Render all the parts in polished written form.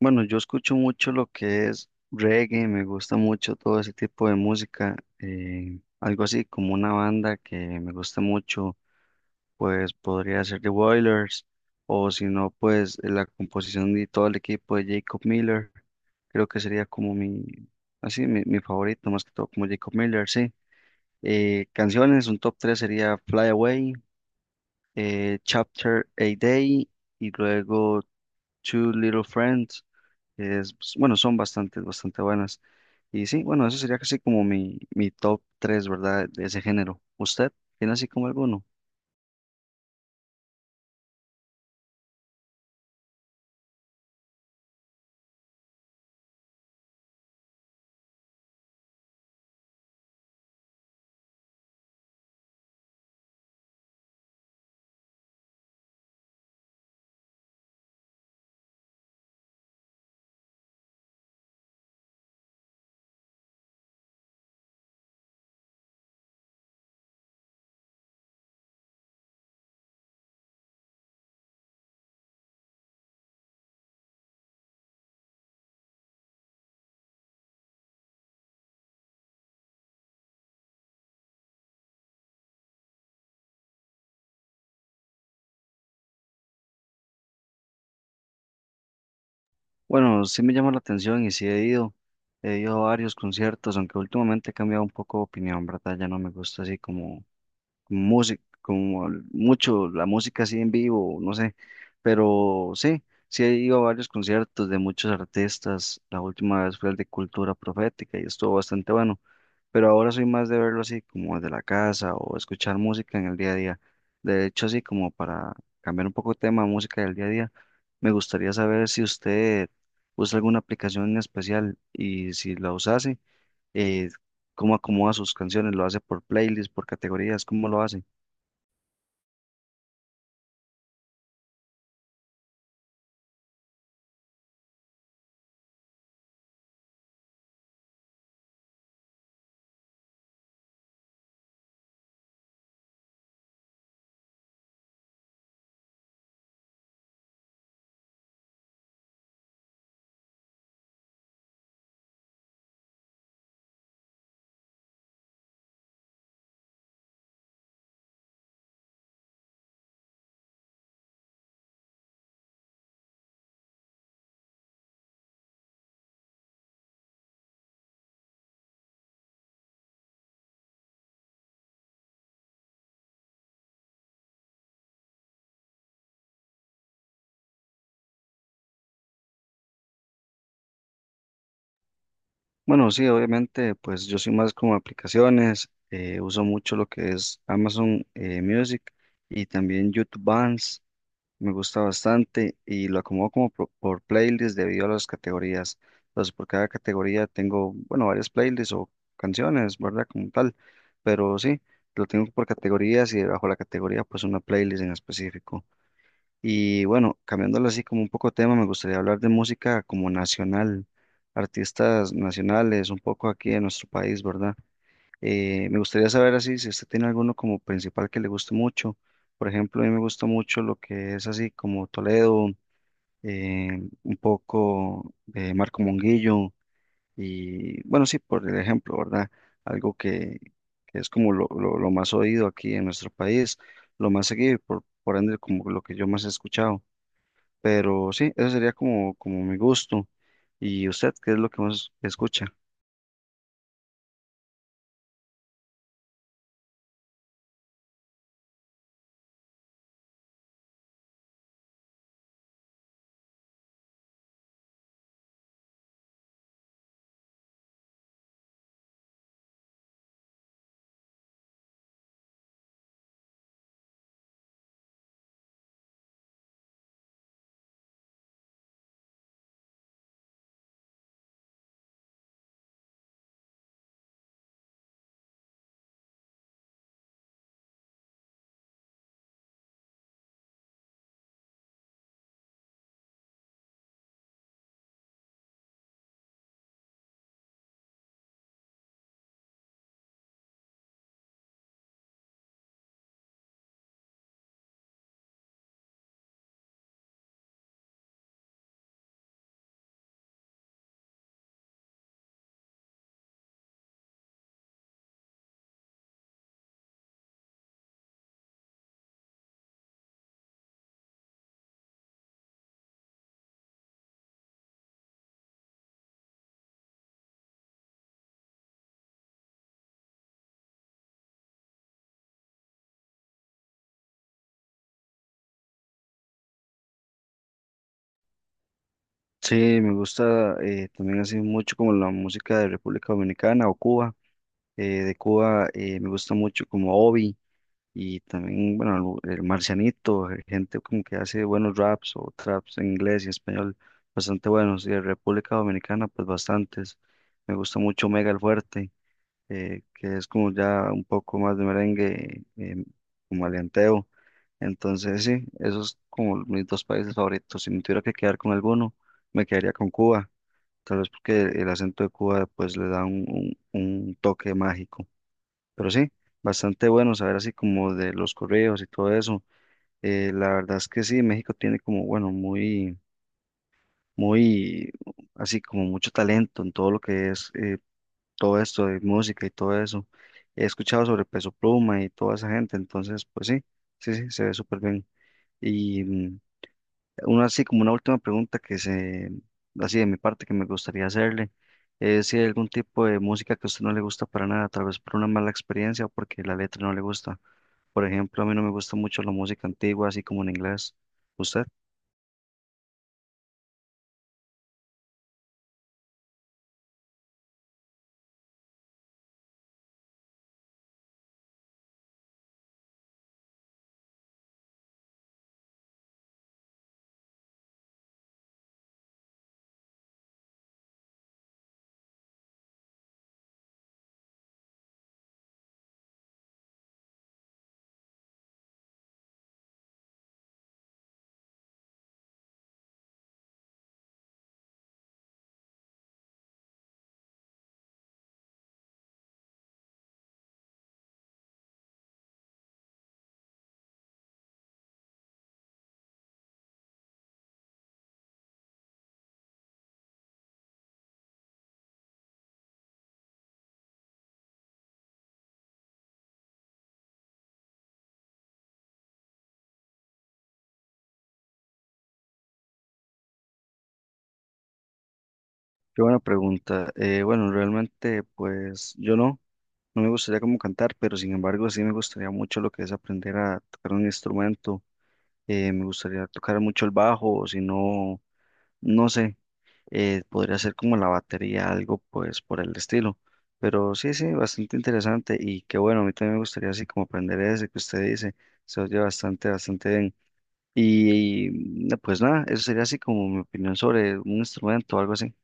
Bueno, yo escucho mucho lo que es reggae, me gusta mucho todo ese tipo de música, algo así como una banda que me gusta mucho, pues podría ser The Wailers, o si no, pues la composición de todo el equipo de Jacob Miller, creo que sería como mi favorito, más que todo como Jacob Miller, sí. Canciones, un top 3 sería Fly Away, Chapter A Day, y luego Two Little Friends que es, pues, bueno, son bastante, bastante buenas. Y sí, bueno, eso sería casi como mi top tres, ¿verdad? De ese género. ¿Usted tiene así como alguno? Bueno, sí me llama la atención y sí he ido a varios conciertos, aunque últimamente he cambiado un poco de opinión, ¿verdad? Ya no me gusta así como música, como mucho la música así en vivo, no sé, pero sí. Sí, he ido a varios conciertos de muchos artistas. La última vez fue el de Cultura Profética y estuvo bastante bueno. Pero ahora soy más de verlo así como desde la casa o escuchar música en el día a día. De hecho, así como para cambiar un poco el tema de música del día a día, me gustaría saber si usted usa alguna aplicación en especial y si la usase, eh, cómo acomoda sus canciones, lo hace por playlists, por categorías, cómo lo hace. Bueno, sí, obviamente, pues yo soy más como aplicaciones, uso mucho lo que es Amazon Music y también YouTube Bands. Me gusta bastante y lo acomodo como por playlist debido a las categorías. Entonces, por cada categoría tengo, bueno, varias playlists o canciones, ¿verdad? Como tal. Pero sí, lo tengo por categorías y bajo la categoría, pues una playlist en específico. Y bueno, cambiándolo así como un poco de tema, me gustaría hablar de música como nacional, artistas nacionales, un poco aquí en nuestro país, ¿verdad? Me gustaría saber así si usted tiene alguno como principal que le guste mucho. Por ejemplo, a mí me gusta mucho lo que es así como Toledo, un poco de Marco Monguillo y bueno, sí, por el ejemplo, ¿verdad? Algo que es como lo más oído aquí en nuestro país, lo más seguido y por ende como lo que yo más he escuchado. Pero sí, eso sería como mi gusto. ¿Y usted qué es lo que más escucha? Sí, me gusta también así mucho como la música de República Dominicana o Cuba. De Cuba me gusta mucho como Obi y también, bueno, el Marcianito, gente como que hace buenos raps o traps en inglés y español, bastante buenos. Y de República Dominicana, pues bastantes. Me gusta mucho Mega el Fuerte, que es como ya un poco más de merengue, como alianteo. Entonces, sí, esos como mis dos países favoritos. Si me tuviera que quedar con alguno, me quedaría con Cuba. Tal vez porque el acento de Cuba pues le da un toque mágico. Pero sí, bastante bueno saber así como de los correos y todo eso. La verdad es que sí, México tiene como, bueno, muy, muy, así como mucho talento en todo lo que es todo esto de música y todo eso. He escuchado sobre Peso Pluma y toda esa gente, entonces pues sí, sí, sí, se ve súper bien. Y una así como una última pregunta que se, así de mi parte que me gustaría hacerle, es si hay algún tipo de música que a usted no le gusta para nada, tal vez por una mala experiencia o porque la letra no le gusta. Por ejemplo, a mí no me gusta mucho la música antigua, así como en inglés. ¿Usted? Qué buena pregunta. Bueno, realmente pues yo no me gustaría como cantar, pero sin embargo sí me gustaría mucho lo que es aprender a tocar un instrumento. Me gustaría tocar mucho el bajo, o si no, no sé. Podría ser como la batería, algo pues por el estilo. Pero sí, sí, bastante interesante y que bueno, a mí también me gustaría así como aprender ese que usted dice, se oye bastante, bastante bien. Y no, pues nada, eso sería así como mi opinión sobre un instrumento o algo así.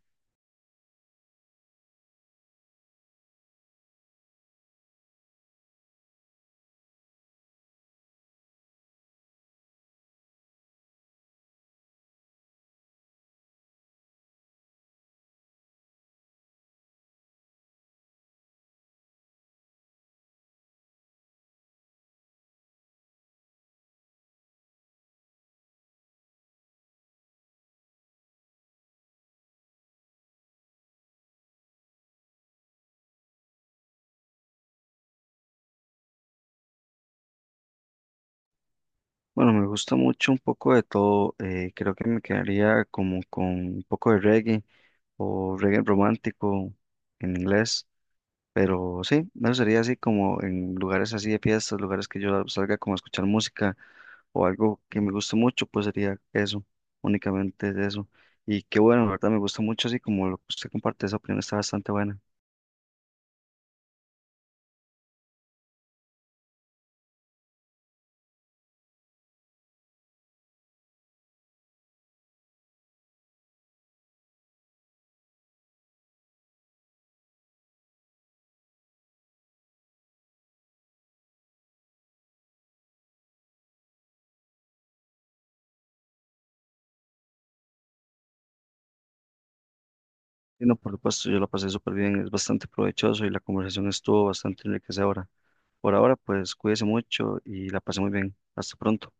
Bueno, me gusta mucho un poco de todo, creo que me quedaría como con un poco de reggae o reggae romántico en inglés, pero sí, eso sería así como en lugares así de fiestas, lugares que yo salga como a escuchar música o algo que me guste mucho, pues sería eso, únicamente es eso. Y qué bueno, la verdad me gusta mucho, así como lo que usted comparte, esa opinión está bastante buena. Y no, por supuesto, yo la pasé súper bien, es bastante provechoso y la conversación estuvo bastante enriquecedora. Por ahora, pues cuídese mucho y la pasé muy bien. Hasta pronto.